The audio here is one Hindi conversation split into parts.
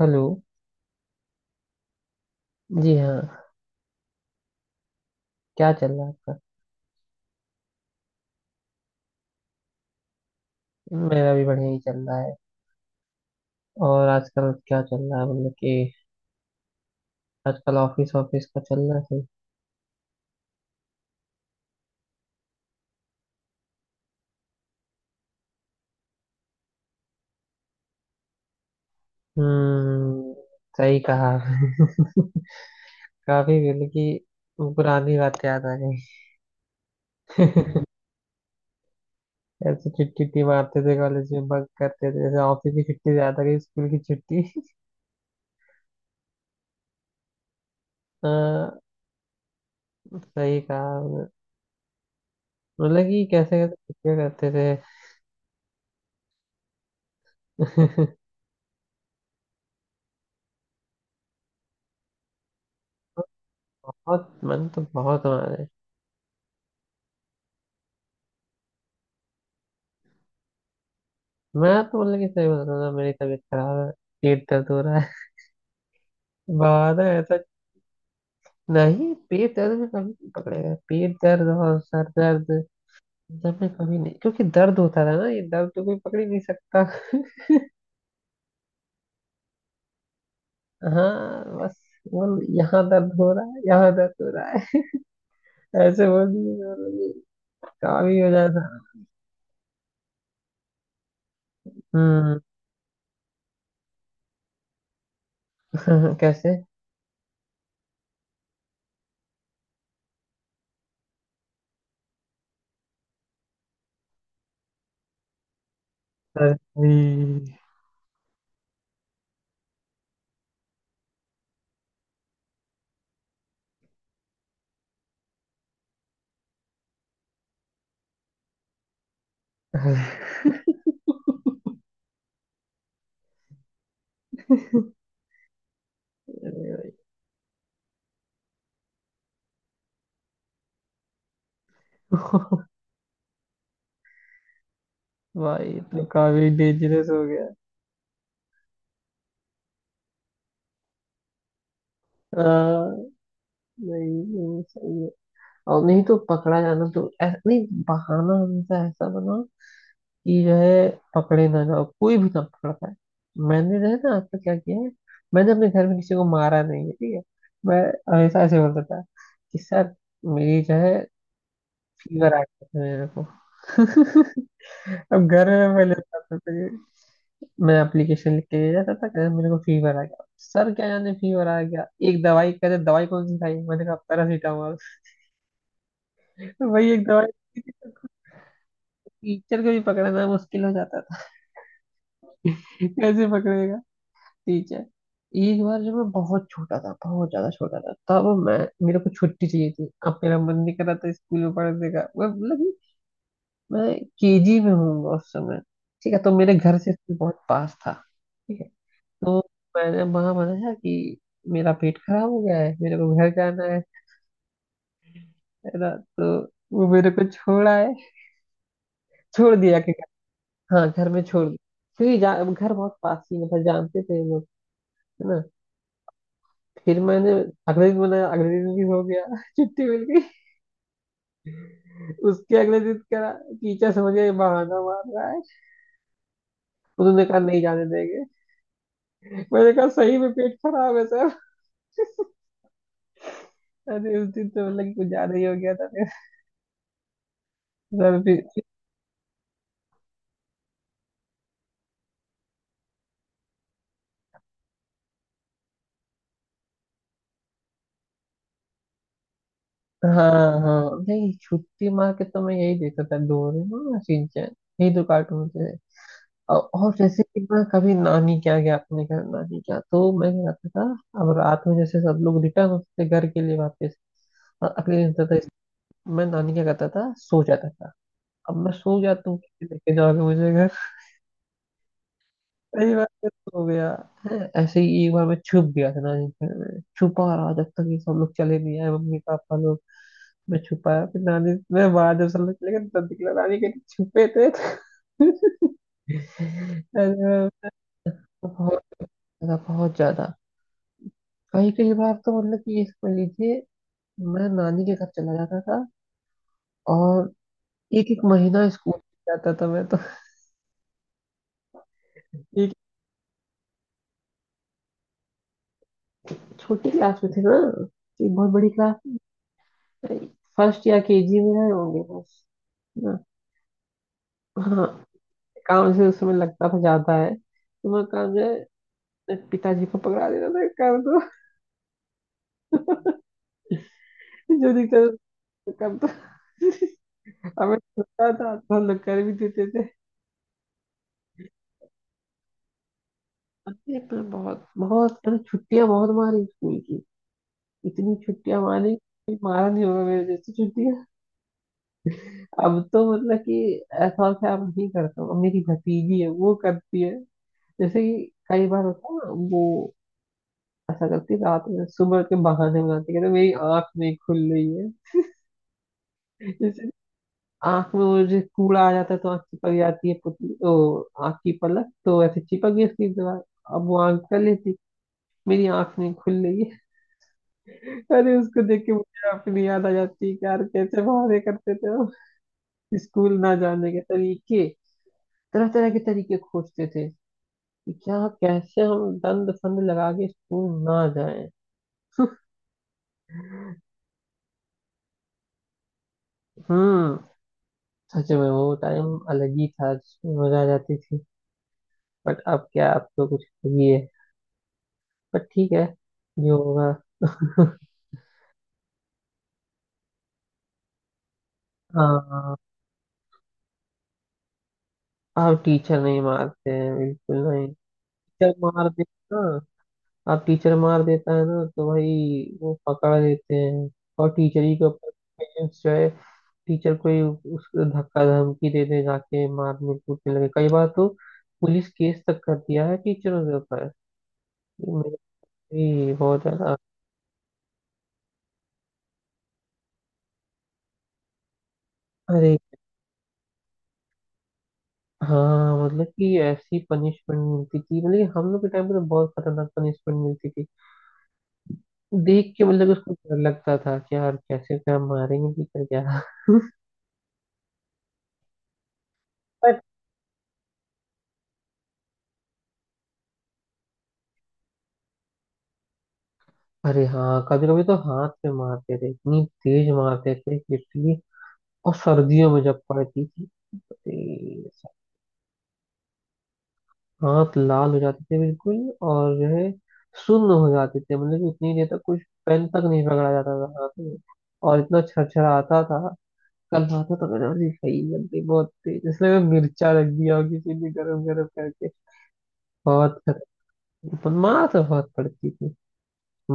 हेलो। जी हाँ। क्या चल रहा है आपका। मेरा भी बढ़िया ही चल रहा है। और आजकल क्या चल रहा है, मतलब कि आजकल ऑफिस ऑफिस का चल रहा है, सही। हम्म। सही कहा आपने। काफी, मतलब कि पुरानी बात याद आ गई। ऐसे छुट्टी उट्टी मारते थे, कॉलेज में बंक करते थे जैसे। ऑफिस की छुट्टी ज्यादा गई स्कूल की छुट्टी। हाँ, सही कहा आपने। मतलब कि कैसे कैसे छुट्टियां करते थे। बहुत मन तो बहुत हमारे। मैं तो, मतलब कि, सही बता रहा हूँ, मेरी तबीयत खराब है, पेट दर्द हो रहा है। बहाना ऐसा। नहीं, पेट दर्द में कभी नहीं पकड़ेगा। पेट दर्द और सर दर्द। जब मैं कभी नहीं, क्योंकि दर्द होता था ना, ये दर्द तो कोई पकड़ ही नहीं सकता। हाँ बस, बोल यहाँ दर्द हो रहा है, यहाँ दर्द हो रहा है। ऐसे बोल दिए और ये काम ही हो जाता। हम्म। कैसे? अरे भाई। भाई तो काफी डेंजरस हो गया। हाँ। नहीं नहीं, सही है। और नहीं तो पकड़ा जाना, तो ऐसा नहीं, बहाना हमेशा ऐसा बनाओ कि जो है, पकड़े ना जाओ, कोई भी ना पकड़ पाए। मैंने जो है ना, आज तक क्या किया है, मैंने अपने घर में किसी को मारा नहीं है, ठीक है। मैं हमेशा ऐसे बोलता था कि सर, मेरी जो है, फीवर आ गया था मेरे को। अब घर में मैं लेता था तो मैं एप्लीकेशन लिख के ले जाता था, कहते मेरे को फीवर आ गया सर, क्या जाने, फीवर आ गया, एक दवाई, कहते दवाई कौन सी खाई, मैंने कहा पैरासीटामोल। वही एक दवाई। टीचर को भी पकड़ना मुश्किल हो जाता था। कैसे पकड़ेगा? ठीक है। एक बार जब मैं बहुत छोटा था, बहुत ज्यादा छोटा था, तब मैं मेरे को छुट्टी चाहिए थी। अब मेरा मन नहीं कर रहा था स्कूल में पढ़ने का। मैं मतलब कि मैं केजी में हूँ उस समय। ठीक है। तो मेरे घर से स्कूल बहुत पास था, ठीक है। तो मैंने वहां मनाया कि मेरा पेट खराब हो गया है, मेरे को घर जाना है ना। तो वो मेरे को छोड़ा है, छोड़ दिया कि हाँ, घर में छोड़ दिया। क्योंकि घर बहुत पास ही, मतलब जानते थे लोग, है ना। फिर मैंने अगले दिन भी हो गया। छुट्टी मिल गई। उसके अगले दिन करा। टीचर समझ गए, बहाना मार रहा है। उन्होंने कहा नहीं जाने देंगे। मैंने कहा सही में पेट खराब है सर। अरे उस दिन तो मतलब कि कुछ ज्यादा ही हो गया था। फिर सर फिर। हाँ हाँ। नहीं, छुट्टी मार के तो मैं यही देखता था, डोरेमोन और शिनचैन, यही दो कार्टून थे। और जैसे कि मैं कभी नानी क्या गया अपने घर, नानी क्या, तो मैं क्या करता था, अब रात में जैसे सब लोग रिटर्न होते थे घर के लिए वापस। और अगले दिन होता था, मैं नानी क्या करता था, सो जाता था। अब मैं सो जाता हूँ, किसी लेके जाओगे मुझे घर। कई बार मैं सो गया। है ऐसे ही। एक बार मैं छुप गया था नानी के घर में, छुपा रहा जब तक ये सब लोग चले नहीं आए, मम्मी पापा लोग। मैं छुपाया फिर नानी, मैं बाहर जब सब लोग चले गए तब निकला, नानी के छुपे थे। अरे, बहुत ज्यादा, बहुत ज्यादा। कई कई बार तो, मतलब कि, इस पर लीजिए, मैं नानी के घर चला जाता था। और एक एक महीना स्कूल जाता था मैं तो। एक छोटी क्लास में थे ना, एक बहुत बड़ी क्लास, फर्स्ट या केजी में आए होंगे बस ना। हाँ। काम से उस समय लगता था ज्यादा है तो मैं काम जो है, पिताजी को पकड़ा देता था, कर दो, जो दिखता था कर दो। हमें छोटा था तो हम लोग कर भी देते थे। हमने छुट्टियां बहुत मारी स्कूल की। इतनी छुट्टियां मारी, कोई मारा नहीं होगा मेरे जैसी छुट्टियां। अब तो मतलब कि ऐसा और क्या, अब नहीं करता हूँ। अब मेरी भतीजी है, वो करती है। जैसे कि कई बार होता है ना वो, ऐसा करती है रात में, सुबह के बहाने बनाती है, कहते मेरी आंख नहीं खुल रही है। जैसे आंख में वो जो कूड़ा आ जाता है तो आंख चिपक जाती है पुतली, ओ आंख की पलक तो ऐसे चिपक गई उसकी दीवार। अब वो आंख कर लेती, मेरी आंख नहीं खुल रही है। अरे उसको देख के मुझे अपनी याद आ जाती है कि यार, कैसे बहाने करते थे हम, स्कूल ना जाने के तरीके, तरह तरह के तरीके खोजते थे कि क्या, कैसे हम दंड फंद लगा के स्कूल ना जाए। हम्म। सच में वो टाइम अलग ही था जिसमें मजा आ जाती थी। बट अब क्या, अब तो कुछ अलग ही है। बट ठीक है, जो होगा। हाँ। अब टीचर नहीं मारते हैं, बिल्कुल नहीं। टीचर मार देता अब टीचर मार देता है ना, तो भाई वो पकड़ देते हैं। और टीचर ही के ऊपर पेरेंट्स जो है, टीचर को ही उसको धक्का धमकी दे दे, जाके मारने कूटने लगे, कई बार तो पुलिस केस तक कर दिया है टीचरों के ऊपर। ये मेरे लिए बहुत ज्यादा। अरे हाँ, मतलब कि ऐसी पनिशमेंट मिलती थी, मतलब कि हम लोग के टाइम पे तो बहुत खतरनाक पनिशमेंट मिलती थी। देख के मतलब उसको डर लगता था कि यार, कैसे क्या मारेंगे, कि क्या क्या। पर अरे हाँ, कभी कभी तो हाथ पे मारते थे, इतनी तेज मारते थे, पिटली। और सर्दियों में जब पड़ती थी, अरे। हाथ लाल हो जाते थे बिल्कुल। और जो है, सुन्न हो जाते थे, मतलब कि उतनी देर तक कुछ पेन तक नहीं पकड़ा जाता था हाथ में, और इतना छरछराता था। कल खाता था तो मैंने, अरे सही लग गई बहुत तेज, इसमें मैं मिर्चा रख दिया और किसी भी गरम गरम करके। बहुत खतरनाक, पर मार तो बहुत पड़ती थी।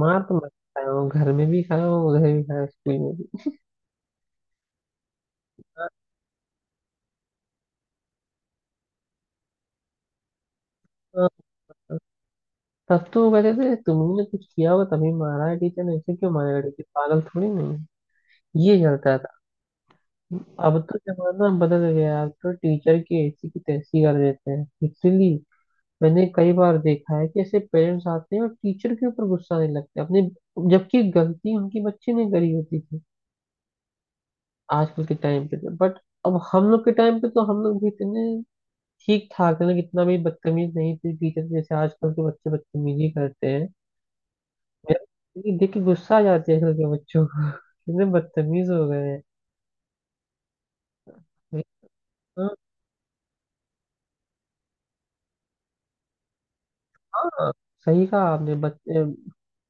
मार तो मैं खाया हूँ, घर में भी खाया हूँ, उधर भी खाया हूँ, स्कूल में भी। हाँ, तब तो वो कहते थे, तुमने कुछ किया हो तभी मारा है, टीचर ने ऐसे क्यों मारेगा, टीचर पागल थोड़ी नहीं है? ये चलता था। अब तो जमाना बदल गया, अब तो टीचर की ऐसी की तैसी कर देते हैं लिटरली। मैंने कई बार देखा है कि ऐसे पेरेंट्स आते हैं और टीचर के ऊपर गुस्सा नहीं लगते हैं अपने, जबकि गलती उनकी बच्चे ने करी होती थी, आजकल के टाइम पे तो। बट। अब हम लोग के टाइम पे तो हम लोग भी इतने ठीक ठाक थे ना, कितना भी बदतमीज नहीं थे टीचर जैसे, आजकल के बच्चे बदतमीजी करते हैं। ये देख के गुस्सा आ जाती है आजकल के बच्चों को। कितने बदतमीज हो गए हैं। हाँ हाँ, सही कहा आपने, बच्चे।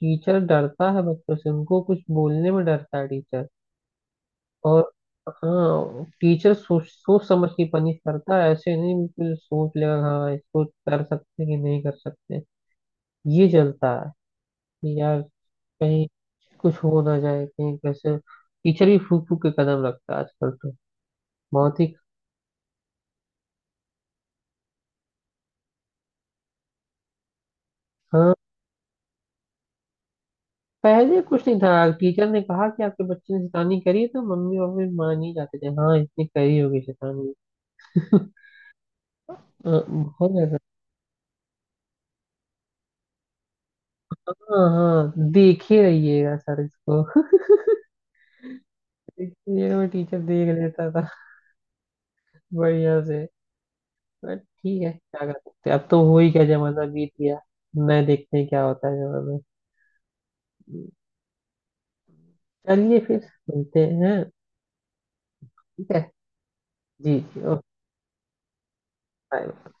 टीचर डरता है बच्चों से, उनको कुछ बोलने में डरता है टीचर। और हाँ, टीचर सोच सोच समझ के पनिश करता है, ऐसे नहीं बिल्कुल, सोच लेगा हाँ इसको कर सकते हैं कि नहीं कर सकते। ये चलता है कि यार, कहीं कुछ हो ना जाए, कहीं कैसे, टीचर भी फूक फूक के कदम रखता है आजकल तो, बहुत ही। हाँ। पहले कुछ नहीं था, टीचर ने कहा कि आपके बच्चे ने शैतानी करी है, तो मम्मी पापा मान ही जाते थे हाँ, इसने करी होगी शैतानी। बहुत ज्यादा। हाँ हाँ, देखे रहिएगा सर इसको। देखिएगा। मैं टीचर देख लेता था बढ़िया से। बट ठीक है, क्या कर सकते हैं, अब तो हो ही क्या, जमाना बीत गया। नए देखते हैं क्या होता है जमाना में। चलिए फिर मिलते हैं। ठीक है, जी जी, ओके बाय।